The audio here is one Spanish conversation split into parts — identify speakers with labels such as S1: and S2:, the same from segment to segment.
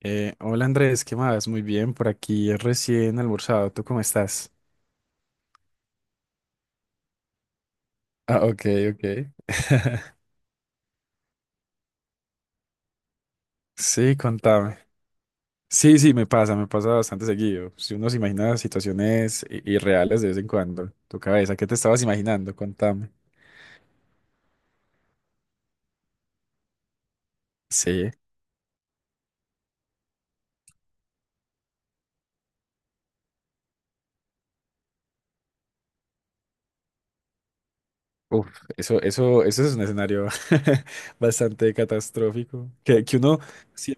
S1: Hola Andrés, ¿qué más? Muy bien, por aquí recién almorzado. ¿Tú cómo estás? Ah, ok, ok. Sí, contame. Sí, sí, me pasa bastante seguido. Si uno se imagina situaciones irreales de vez en cuando, tu cabeza, ¿qué te estabas imaginando? Contame. Sí. Uf, eso es un escenario bastante catastrófico que uno, sie-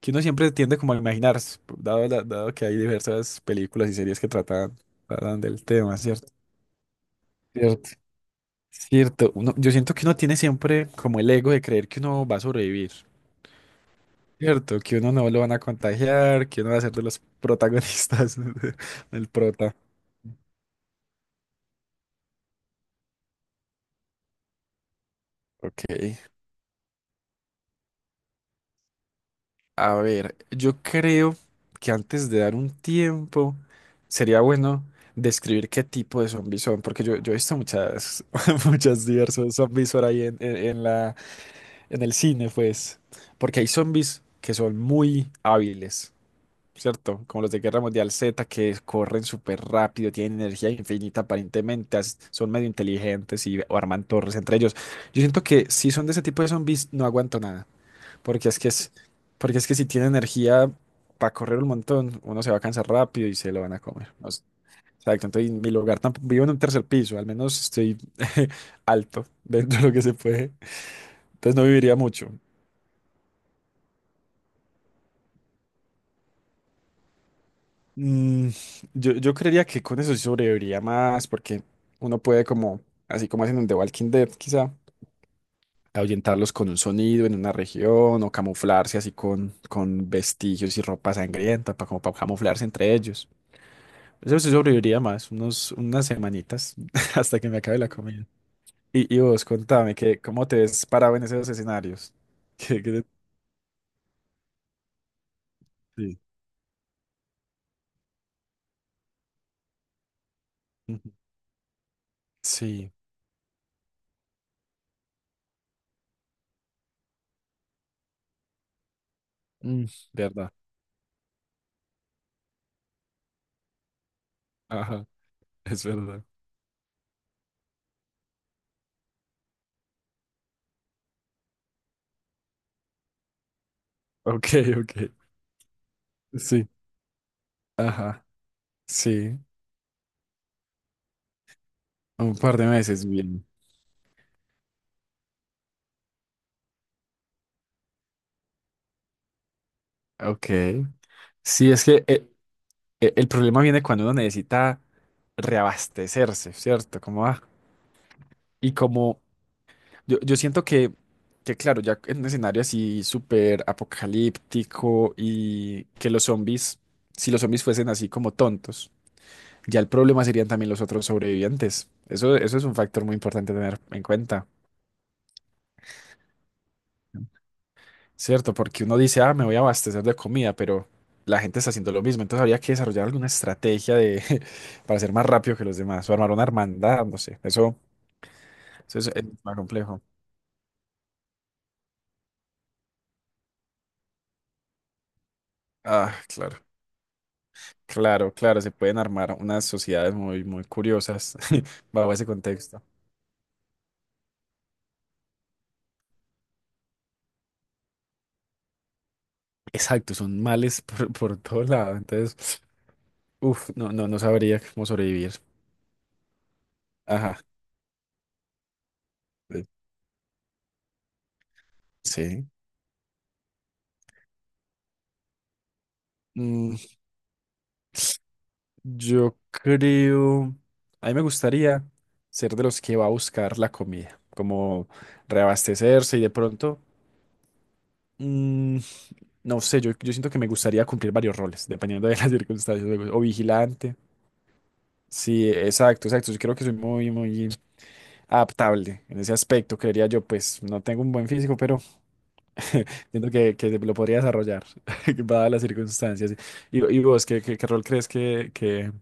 S1: que uno siempre tiende como a imaginar, dado que hay diversas películas y series que tratan, tratan del tema, ¿cierto? Cierto, uno, yo siento que uno tiene siempre como el ego de creer que uno va a sobrevivir, ¿cierto? Que uno no lo van a contagiar, que uno va a ser de los protagonistas del prota. Ok, a ver, yo creo que antes de dar un tiempo sería bueno describir qué tipo de zombies son, yo he visto muchas, muchas diversos zombies por ahí en la, en el cine, pues, porque hay zombies que son muy hábiles, ¿cierto? Como los de Guerra Mundial Z, que corren súper rápido, tienen energía infinita aparentemente, son medio inteligentes y arman torres entre ellos. Yo siento que si son de ese tipo de zombies no aguanto nada, porque es que es, porque es que si tiene energía para correr un montón, uno se va a cansar rápido y se lo van a comer. No sé. Exacto, entonces en mi lugar tampoco vivo en un tercer piso, al menos estoy alto dentro de lo que se puede, entonces no viviría mucho. Mm, yo creería que con eso sí sobreviviría más, porque uno puede como, así como hacen en The Walking Dead, quizá, ahuyentarlos con un sonido en una región o camuflarse así con vestigios y ropa sangrienta, para, como para camuflarse entre ellos. Eso sí sobreviviría más, unos, unas semanitas hasta que me acabe la comida. Y vos, contame, que, ¿cómo te ves parado en esos escenarios? ¿Qué te- Sí. Ujú. Sí, mm, verdad. Ajá, es verdad. Ok, ok. Sí, ajá. Sí, un par de meses, bien. Ok. Sí, es que el problema viene cuando uno necesita reabastecerse, ¿cierto? Como, ah, y como yo siento que, claro, ya en un escenario así súper apocalíptico y que los zombies, si los zombies fuesen así como tontos, ya el problema serían también los otros sobrevivientes. Eso es un factor muy importante a tener en cuenta. ¿Cierto? Porque uno dice, ah, me voy a abastecer de comida, pero la gente está haciendo lo mismo. Entonces habría que desarrollar alguna estrategia de, para ser más rápido que los demás, o armar una hermandad, no sé. Eso es más complejo. Ah, claro. Claro, claro, se pueden armar unas sociedades muy, muy curiosas bajo ese contexto. Exacto, son males por todo lado. Entonces, uff, no, no sabría cómo sobrevivir. Ajá. Eh, sí. Mm, yo creo, a mí me gustaría ser de los que va a buscar la comida, como reabastecerse y de pronto, mm, no sé, yo siento que me gustaría cumplir varios roles, dependiendo de las circunstancias, o vigilante. Sí, exacto, exacto. Yo creo que soy muy, muy adaptable en ese aspecto, creería yo, pues no tengo un buen físico, pero siento que lo podría desarrollar, dadas las circunstancias. Y vos, ¿qué rol crees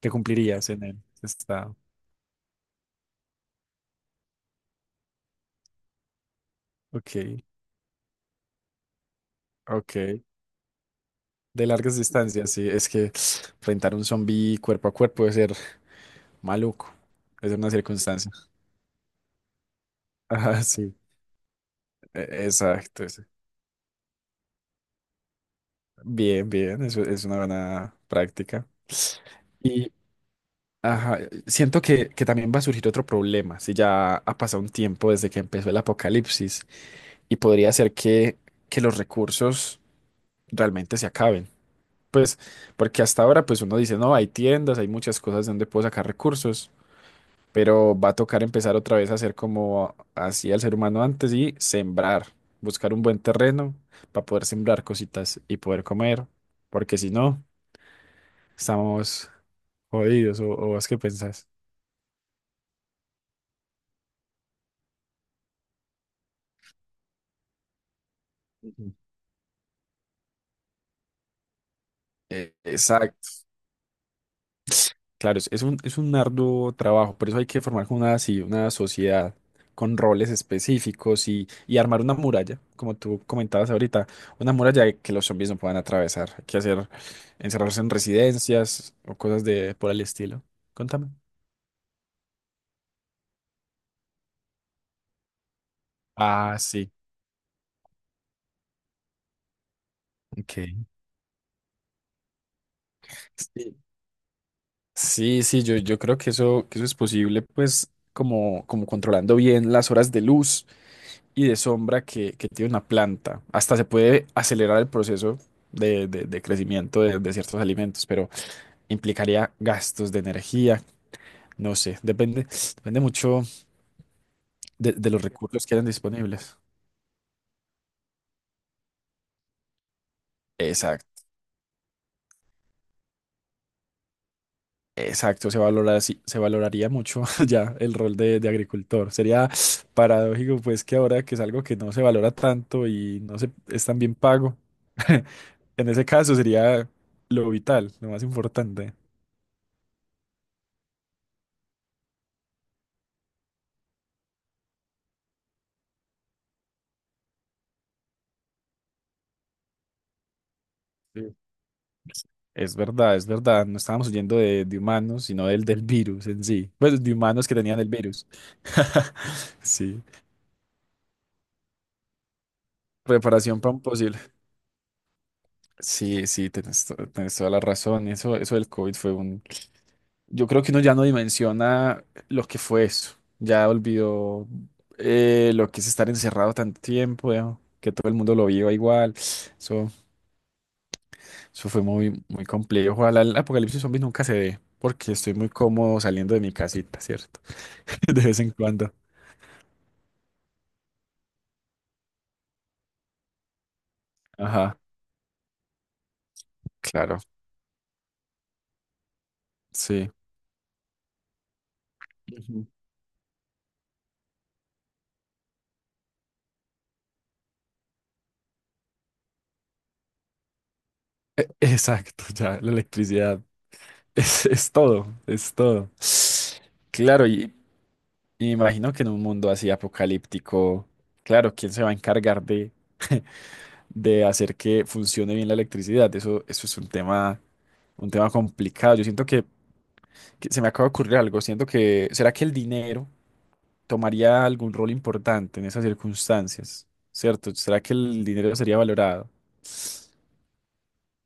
S1: que cumplirías en el estado? Ok, ok. De largas distancias, sí. Es que enfrentar un zombie cuerpo a cuerpo debe ser maluco. Es una circunstancia. Ajá, sí. Exacto. Sí. Bien, bien. Eso es una buena práctica. Y ajá, siento que también va a surgir otro problema. Si ya ha pasado un tiempo desde que empezó el apocalipsis y podría ser que los recursos realmente se acaben. Pues, porque hasta ahora, pues uno dice, no, hay tiendas, hay muchas cosas donde puedo sacar recursos. Pero va a tocar empezar otra vez a hacer como hacía el ser humano antes y sembrar, buscar un buen terreno para poder sembrar cositas y poder comer, porque si no, estamos jodidos, o vos qué pensás. Ujú. Exacto. Claro, es un arduo trabajo, por eso hay que formar como una, así, una sociedad con roles específicos y armar una muralla, como tú comentabas ahorita, una muralla que los zombies no puedan atravesar. Hay que hacer encerrarse en residencias o cosas de por el estilo. Contame. Ah, sí. Ok. Sí, sí, sí, yo creo que eso es posible, pues, como, como controlando bien las horas de luz y de sombra que tiene una planta. Hasta se puede acelerar el proceso de crecimiento de ciertos alimentos, pero implicaría gastos de energía, no sé, depende, depende mucho de los recursos que eran disponibles. Exacto. Exacto, se valora, sí, se valoraría mucho ya el rol de agricultor. Sería paradójico, pues, que ahora que es algo que no se valora tanto y no se, es tan bien pago, en ese caso sería lo vital, lo más importante. Es verdad, es verdad. No estábamos huyendo de humanos, sino del, del virus en sí. Bueno, de humanos que tenían el virus. Sí. Preparación para un posible. Sí, sí, tenés, tenés toda la razón. Eso del COVID fue un... Yo creo que uno ya no dimensiona lo que fue eso. Ya olvidó lo que es estar encerrado tanto tiempo, ya, que todo el mundo lo viva igual. Eso fue muy, muy complejo. Ojalá el apocalipsis zombie nunca se dé, porque estoy muy cómodo saliendo de mi casita, ¿cierto? De vez en cuando. Ajá, claro, sí. Ujú. Exacto, ya, la electricidad es todo, es todo. Claro, y imagino que en un mundo así apocalíptico, claro, ¿quién se va a encargar de hacer que funcione bien la electricidad? Eso es un tema complicado. Yo siento que se me acaba de ocurrir algo. Siento que, ¿será que el dinero tomaría algún rol importante en esas circunstancias? ¿Cierto? ¿Será que el dinero sería valorado?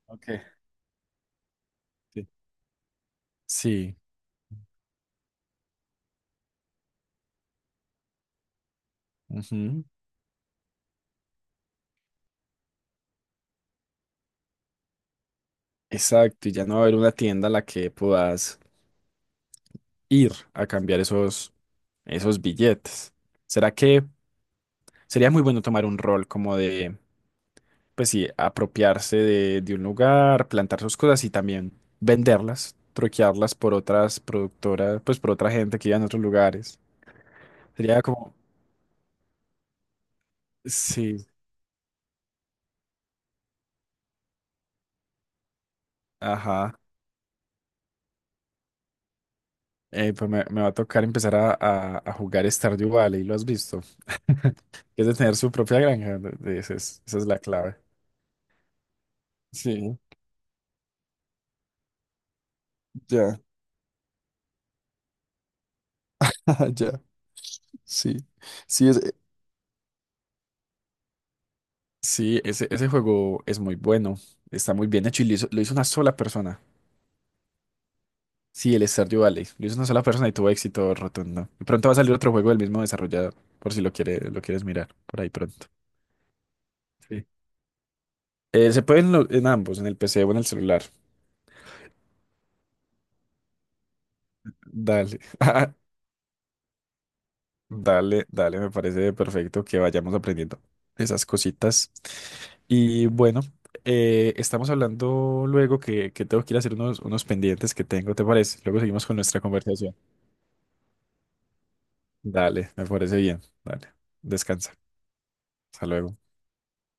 S1: Ok. Sí, ujú. Exacto, y ya no va a haber una tienda a la que puedas ir a cambiar esos, esos billetes. ¿Será que sería muy bueno tomar un rol como de, pues sí, apropiarse de un lugar, plantar sus cosas y también venderlas, troquearlas por otras productoras, pues por otra gente que vive en otros lugares? Sería como, sí, ajá, pues me va a tocar empezar a jugar Stardew Valley, ¿lo has visto? Es de tener su propia granja, esa es la clave. Sí, ya, ya, sí, sí, es, sí, ese juego es muy bueno, está muy bien hecho y lo hizo una sola persona. Sí, el Stardew Valley, lo hizo una sola persona y tuvo éxito rotundo. Y pronto va a salir otro juego del mismo desarrollador, por si lo quiere, lo quieres mirar, por ahí pronto. Sí. Se puede en ambos, en el PC o en el celular. Dale. Dale, dale, me parece perfecto que vayamos aprendiendo esas cositas. Y bueno, estamos hablando luego que tengo que ir a hacer unos, unos pendientes que tengo, ¿te parece? Luego seguimos con nuestra conversación. Dale, me parece bien. Dale, descansa. Hasta luego.